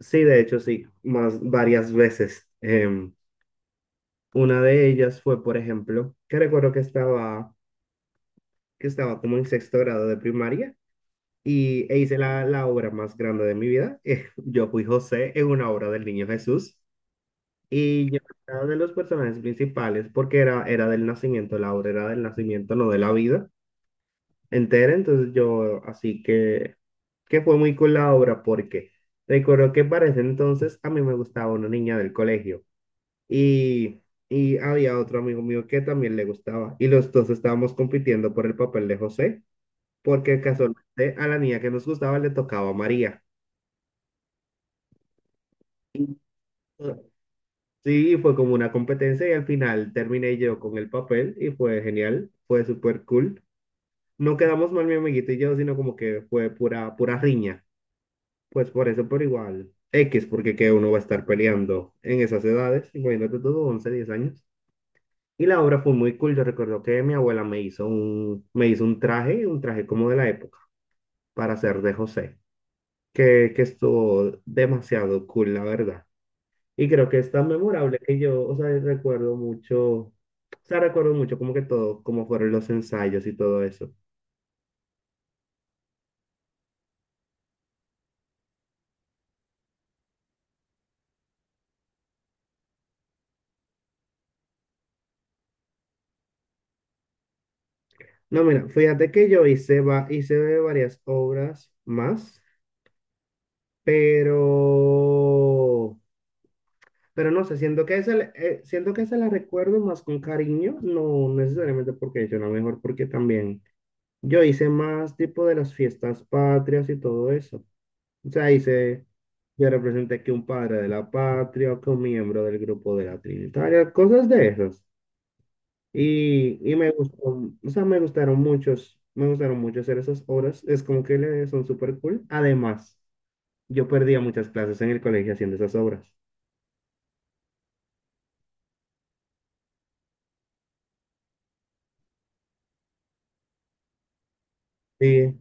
Sí, de hecho, sí, más varias veces. Una de ellas fue, por ejemplo, que recuerdo que estaba como en sexto grado de primaria y hice la obra más grande de mi vida. Yo fui José en una obra del Niño Jesús y yo era de los personajes principales porque era del nacimiento, la obra era del nacimiento, no de la vida entera. Entonces yo, así que fue muy cool la obra porque recuerdo que para ese entonces a mí me gustaba una niña del colegio. Y, y había otro amigo mío que también le gustaba. Y los dos estábamos compitiendo por el papel de José, porque casualmente a la niña que nos gustaba le tocaba a María. Y, eh, sí, fue como una competencia y al final terminé yo con el papel y fue genial, fue súper cool. No quedamos mal mi amiguito y yo, sino como que fue pura, pura riña. Pues por eso, por igual, X, porque que uno va a estar peleando en esas edades, imagínate todo, 11 10 años. Y la obra fue muy cool. Yo recuerdo que mi abuela me hizo un traje, un traje como de la época, para hacer de José, que estuvo demasiado cool, la verdad. Y creo que es tan memorable que yo, o sea, recuerdo mucho como que todo, como fueron los ensayos y todo eso. No, mira, fíjate que yo hice varias obras más, pero Pero no sé, siento que esa la recuerdo más con cariño, no necesariamente porque yo la mejor, porque también yo hice más tipo de las fiestas patrias y todo eso. O sea, yo representé que un padre de la patria o que un miembro del grupo de la Trinitaria, cosas de esas. Y me gustó, o sea, me gustaron mucho hacer esas obras. Es como que son súper cool. Además, yo perdía muchas clases en el colegio haciendo esas obras. Sí,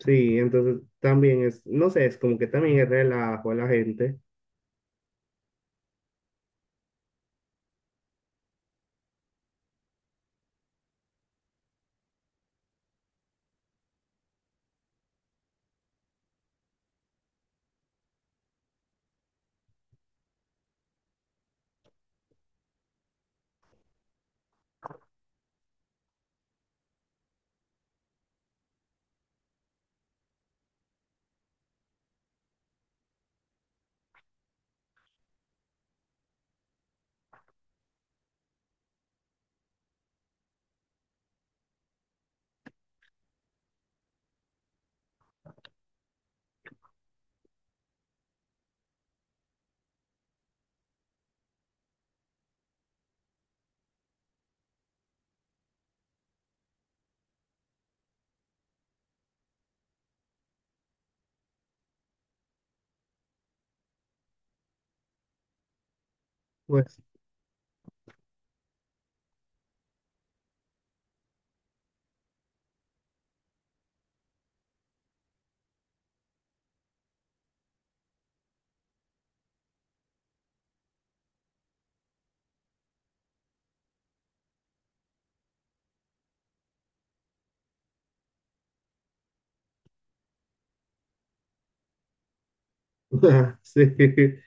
Sí, entonces también es, no sé, es como que también es relajo a la gente. Pues, sí.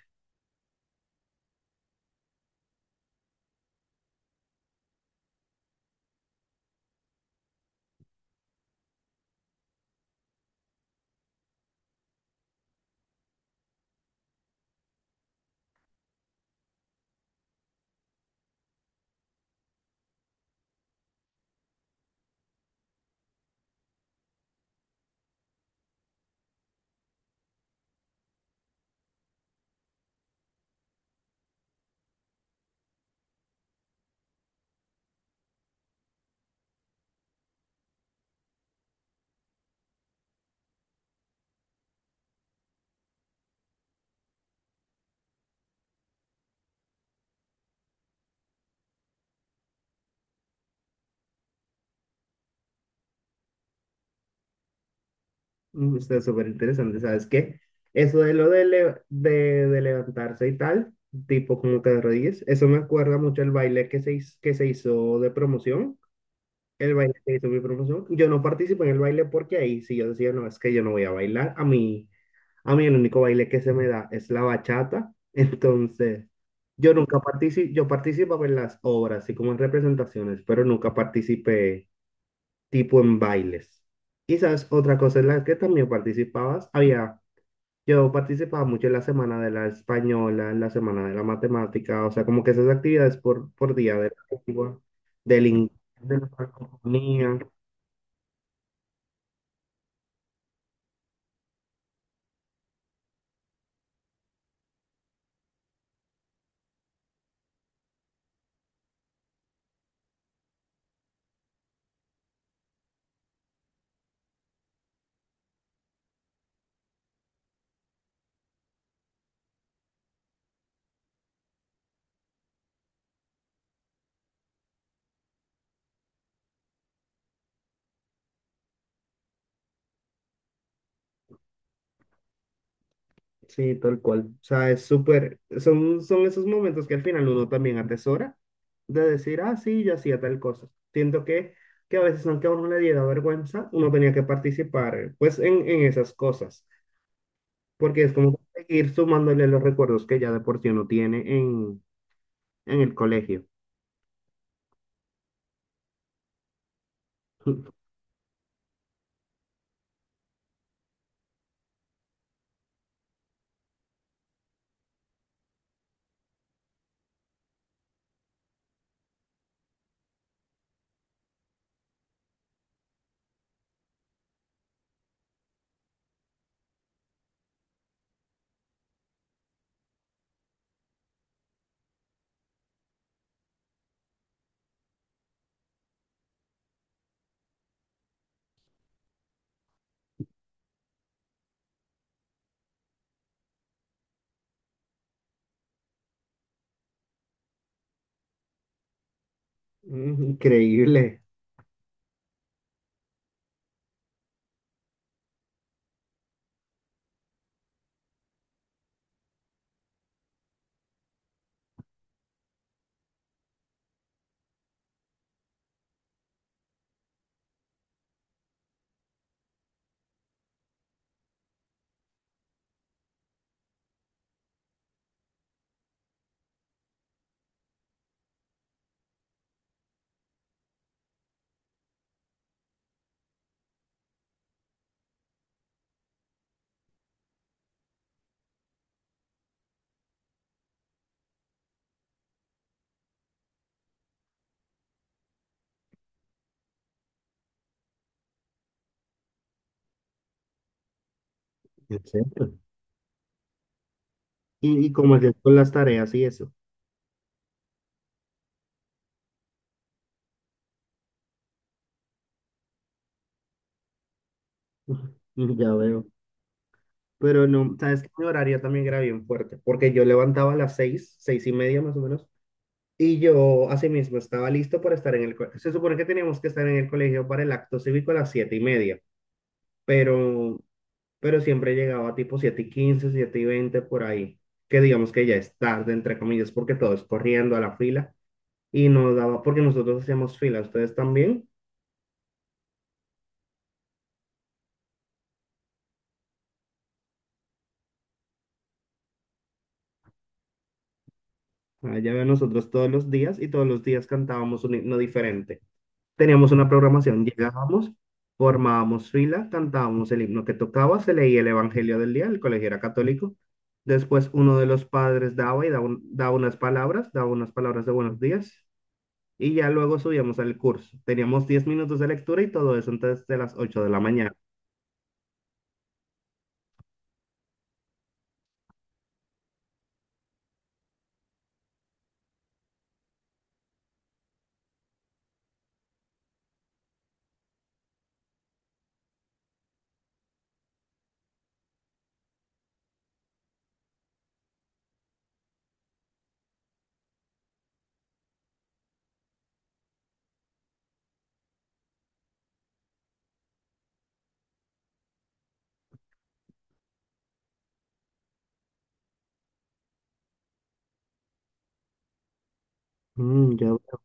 Mm, está súper interesante, ¿sabes qué? Eso de lo de, levantarse y tal, tipo como que de rodillas, eso me acuerda mucho el baile que que se hizo de promoción. El baile que hizo mi profesor. Yo no participo en el baile porque ahí sí yo decía, no, es que yo no voy a bailar. A mí el único baile que se me da es la bachata. Entonces, yo nunca participo, yo participaba en las obras, así como en representaciones, pero nunca participé tipo en bailes. Y sabes, otra cosa en la que también participabas, había, yo participaba mucho en la semana de la española, en la semana de la matemática, o sea, como que esas actividades por día de la lengua, del inglés, de la francofonía. Sí, tal cual. O sea, es súper, son, son esos momentos que al final uno también atesora de decir, ah, sí, yo hacía tal cosa. Siento que a veces, aunque a uno le diera vergüenza, uno tenía que participar, pues, en esas cosas, porque es como seguir sumándole los recuerdos que ya de por sí uno tiene en el colegio. Increíble. ¿En serio? Y cómo es con las tareas y eso. Ya veo. Pero no, sabes que mi horario también era bien fuerte, porque yo levantaba a las 6, 6:30 más o menos, y yo asimismo estaba listo para estar en el colegio. Se supone que teníamos que estar en el colegio para el acto cívico a las 7:30, pero, pero siempre llegaba tipo 7:15, 7:20 por ahí, que digamos que ya es tarde, entre comillas, porque todo es corriendo a la fila, y, nos daba, porque nosotros hacíamos fila, ustedes también, allá ven nosotros todos los días, y todos los días cantábamos un himno diferente. Teníamos una programación, llegábamos, formábamos fila, cantábamos el himno que tocaba, se leía el Evangelio del día, el colegio era católico. Después uno de los padres daba y daba, daba unas palabras de buenos días y ya luego subíamos al curso. Teníamos 10 minutos de lectura y todo eso antes de las 8 de la mañana. Mm, ya veo.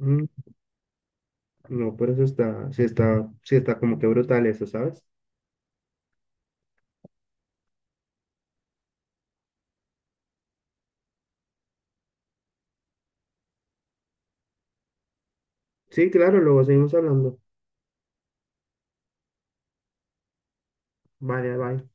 Mm, no, pero eso está, sí está, sí está como que brutal eso, ¿sabes? Sí, claro, luego seguimos hablando. Vale, bye.